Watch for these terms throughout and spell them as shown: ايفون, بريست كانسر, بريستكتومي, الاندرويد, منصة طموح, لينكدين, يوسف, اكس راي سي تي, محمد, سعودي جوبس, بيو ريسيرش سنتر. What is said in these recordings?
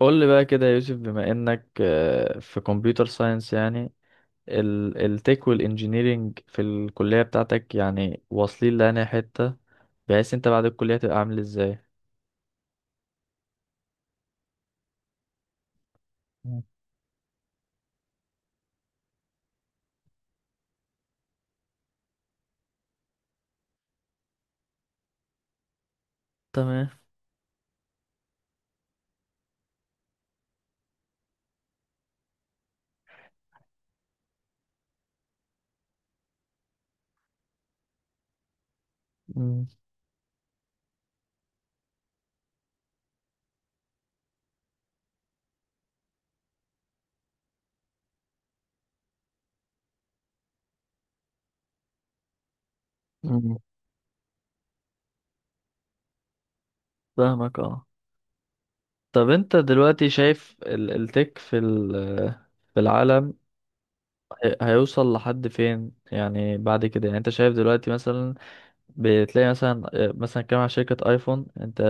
قول لي بقى كده يا يوسف، بما انك في كمبيوتر ساينس يعني، التك والانجينيرينج في الكلية بتاعتك يعني واصلين لأنهي حتة، بحيث انت بعد الكلية تبقى عامل ازاي؟ مم. تمام. مم. مم. فاهمك اه. طب انت دلوقتي شايف التك في في العالم، هيوصل لحد فين يعني بعد كده؟ يعني انت شايف دلوقتي مثلا بتلاقي مثلا مثلا كام على شركة ايفون، انت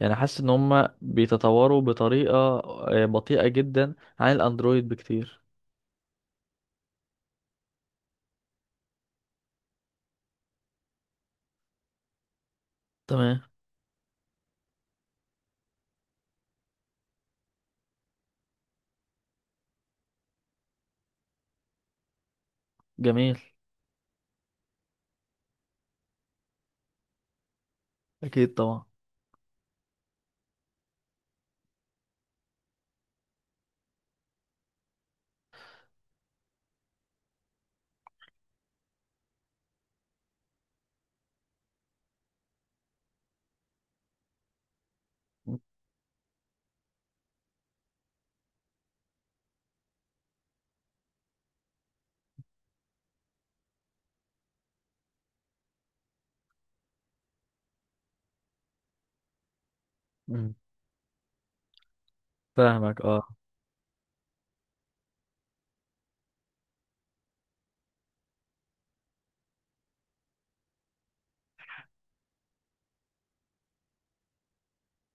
يعني حاسس ان هم بيتطوروا بطريقة بطيئة جدا عن الاندرويد بكتير؟ تمام. جميل. اكيد طبعا. مم. فاهمك اه.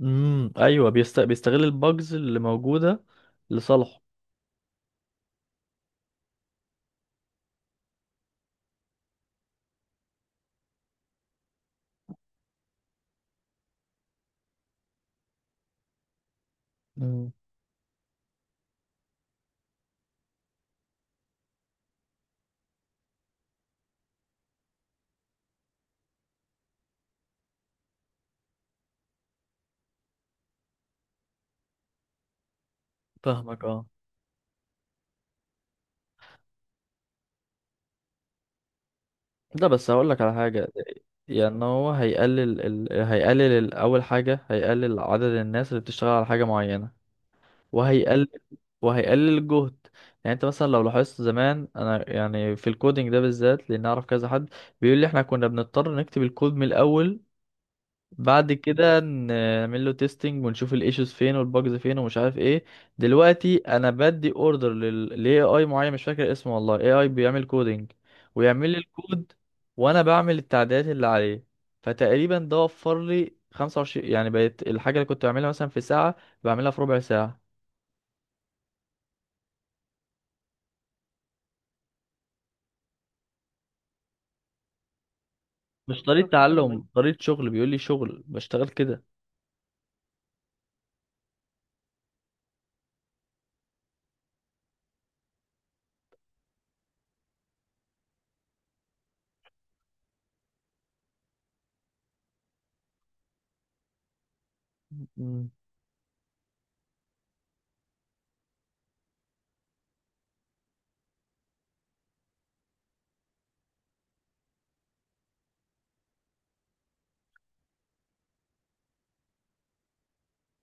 امم، ايوه، بيستغل الباجز اللي موجودة لصالحه. مم. فاهمك اه. ده بس هقول لك على حاجة، يعني هو هيقلل اول حاجة هيقلل عدد الناس اللي بتشتغل على حاجة معينة، وهيقلل وهيقلل الجهد. يعني انت مثلا لو لاحظت زمان، انا يعني في الكودينج ده بالذات، لان اعرف كذا حد بيقول لي احنا كنا بنضطر نكتب الكود من الاول، بعد كده نعمل له تيستنج ونشوف الايشوز فين والباجز فين ومش عارف ايه. دلوقتي انا بدي اوردر للاي اي معين مش فاكر اسمه والله، اي اي بيعمل كودينج ويعمل لي الكود، وانا بعمل التعديلات اللي عليه. فتقريبا ده وفر لي 25، يعني بقت الحاجه اللي كنت بعملها مثلا في ساعه بعملها في ربع ساعه. مش طريقة تعلم، طريقة شغل، بيقول لي شغل بشتغل كده. مم.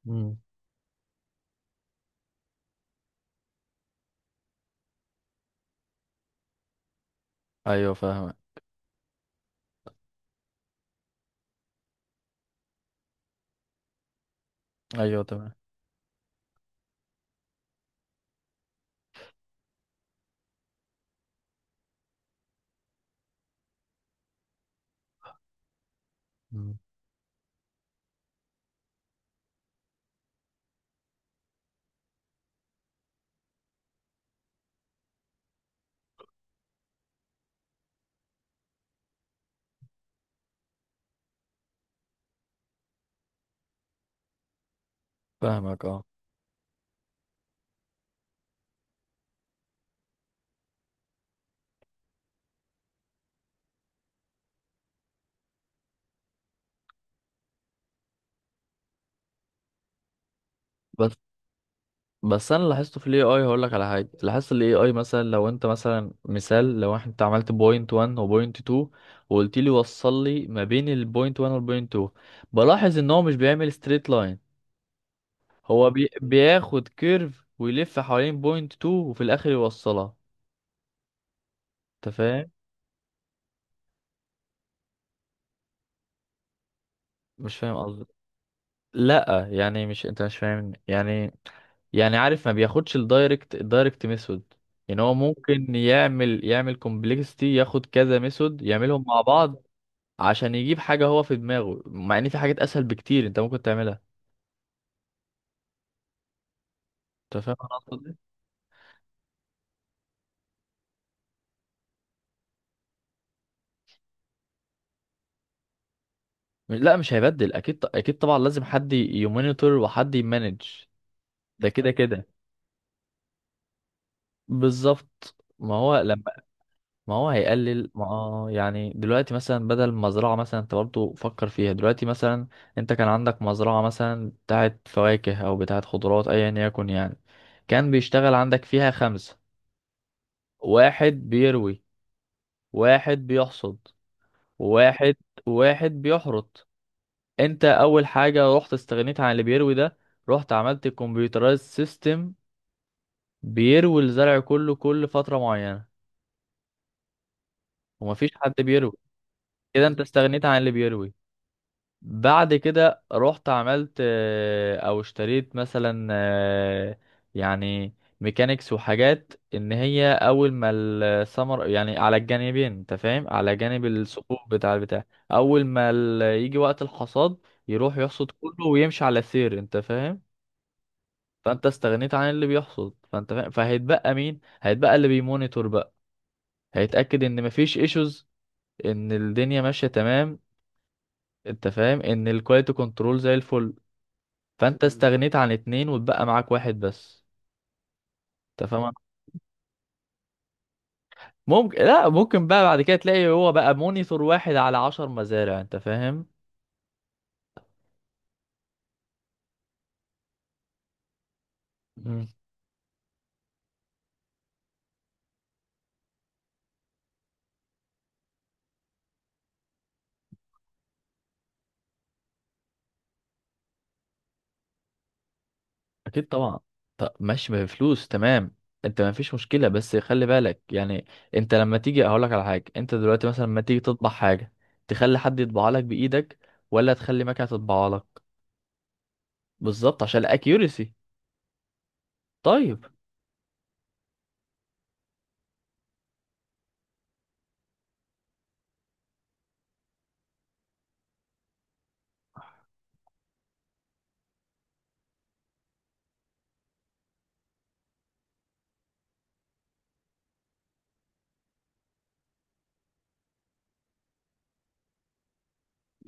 مم. ايوه فاهمك. ايوه تمام. مم. فاهمك اه. بس بس انا لاحظته في الاي اي، هقول لك على حاجه. لاحظت الاي اي مثلا لو انت مثلا، مثال لو انت عملت بوينت 1 وبوينت 2 وقلت لي وصل لي ما بين البوينت 1 والبوينت 2، بلاحظ ان هو مش بيعمل ستريت لاين. بياخد كيرف ويلف حوالين بوينت 2 وفي الاخر يوصلها. انت فاهم؟ مش فاهم قصدي؟ لا يعني مش انت مش فاهم يعني، يعني عارف ما بياخدش الدايركت ميثود. يعني هو ممكن يعمل كومبلكسيتي، ياخد كذا ميثود يعملهم مع بعض عشان يجيب حاجة هو في دماغه، مع ان في حاجات اسهل بكتير انت ممكن تعملها. انت فاهم انا قصدي إيه؟ لا مش هيبدل اكيد، اكيد طبعا، لازم حد يمونيتور وحد يمانج. ده كده كده، بالظبط ما هو لما ما هو هيقلل، ما يعني دلوقتي مثلا، بدل مزرعة مثلا انت برضه فكر فيها دلوقتي مثلا، انت كان عندك مزرعة مثلا بتاعت فواكه او بتاعت خضروات ايا يكن يعني، كان بيشتغل عندك فيها خمسة، واحد بيروي، واحد بيحصد، واحد واحد بيحرط. انت اول حاجة رحت استغنيت عن اللي بيروي ده، رحت عملت كمبيوترايز سيستم بيروي الزرع كله كل فترة معينة، ومفيش حد بيروي. كده انت استغنيت عن اللي بيروي. بعد كده رحت عملت او اشتريت مثلا يعني ميكانيكس وحاجات، ان هي اول ما السمر يعني على الجانبين، انت فاهم، على جانب الثقوب بتاع البتاع، اول ما يجي وقت الحصاد، يروح يحصد كله ويمشي على سير. انت فاهم؟ فانت استغنيت عن اللي بيحصد، فانت فاهم، فهيتبقى مين؟ هيتبقى اللي بيمونيتور بقى، هيتاكد ان مفيش ايشوز، ان الدنيا ماشيه تمام. انت فاهم ان الكواليتي كنترول زي الفل. فانت استغنيت عن اتنين واتبقى معاك واحد بس. انت فاهم؟ ممكن، لا ممكن بقى بعد كده تلاقي هو بقى مونيتور واحد على 10 مزارع. انت فاهم؟ مم. اكيد طبعا. طب ماشي، ما بفلوس تمام، انت ما فيش مشكلة، بس خلي بالك يعني. انت لما تيجي هقول لك على حاجة، انت دلوقتي مثلا لما تيجي تطبع حاجة، تخلي حد يطبعها لك بايدك، ولا تخلي مكنة تطبعها لك؟ بالظبط، عشان الاكيوريسي. طيب.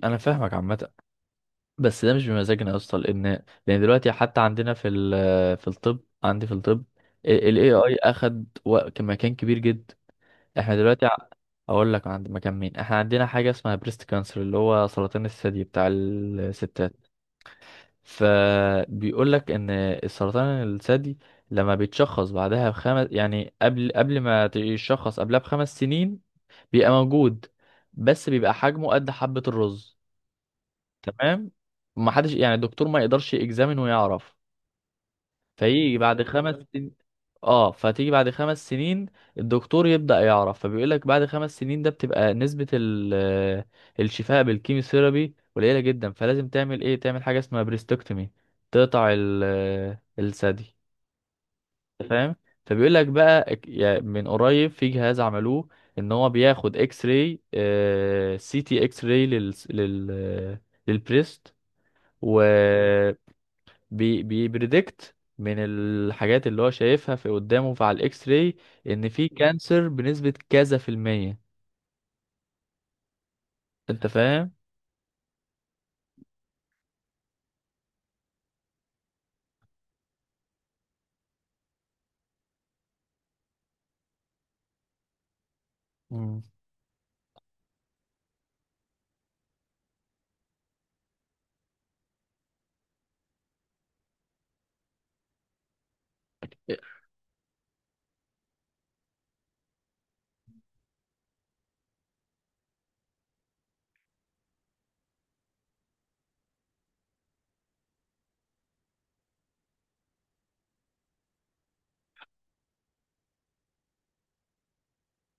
انا فاهمك عامة، بس ده مش بمزاجنا يا اسطى، لان دلوقتي حتى عندنا في في الطب، عندي في الطب، ال AI اخد مكان كبير جدا. احنا دلوقتي اقول لك عند مكان مين، احنا عندنا حاجه اسمها بريست كانسر، اللي هو سرطان الثدي بتاع الستات. فبيقول لك ان السرطان الثدي لما بيتشخص بعدها بخمس يعني قبل قبل ما يتشخص قبلها ب5 سنين، بيبقى موجود بس بيبقى حجمه قد حبة الرز. تمام. ما حدش يعني، الدكتور ما يقدرش يجزامن ويعرف. فيجي بعد خمس تمام سنين، اه، فتيجي بعد 5 سنين الدكتور يبدأ يعرف. فبيقول لك بعد 5 سنين ده بتبقى نسبة الشفاء بالكيموثيرابي قليلة جدا، فلازم تعمل ايه؟ تعمل حاجة اسمها بريستكتومي، تقطع الثدي. أنت فاهم؟ فبيقول لك بقى من قريب في جهاز عملوه، ان هو بياخد اكس راي، سي تي اكس راي للبريست تمام، بيبريدكت من الحاجات اللي هو شايفها في قدامه في على الاكس راي، ان في كانسر بنسبة كذا في المية. انت فاهم؟ مم.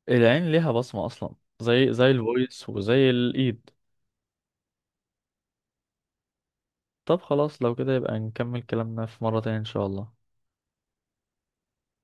العين ليها بصمة اصلا، زي الفويس وزي الايد. طب خلاص لو كده يبقى نكمل كلامنا في مرة تانية ان شاء الله.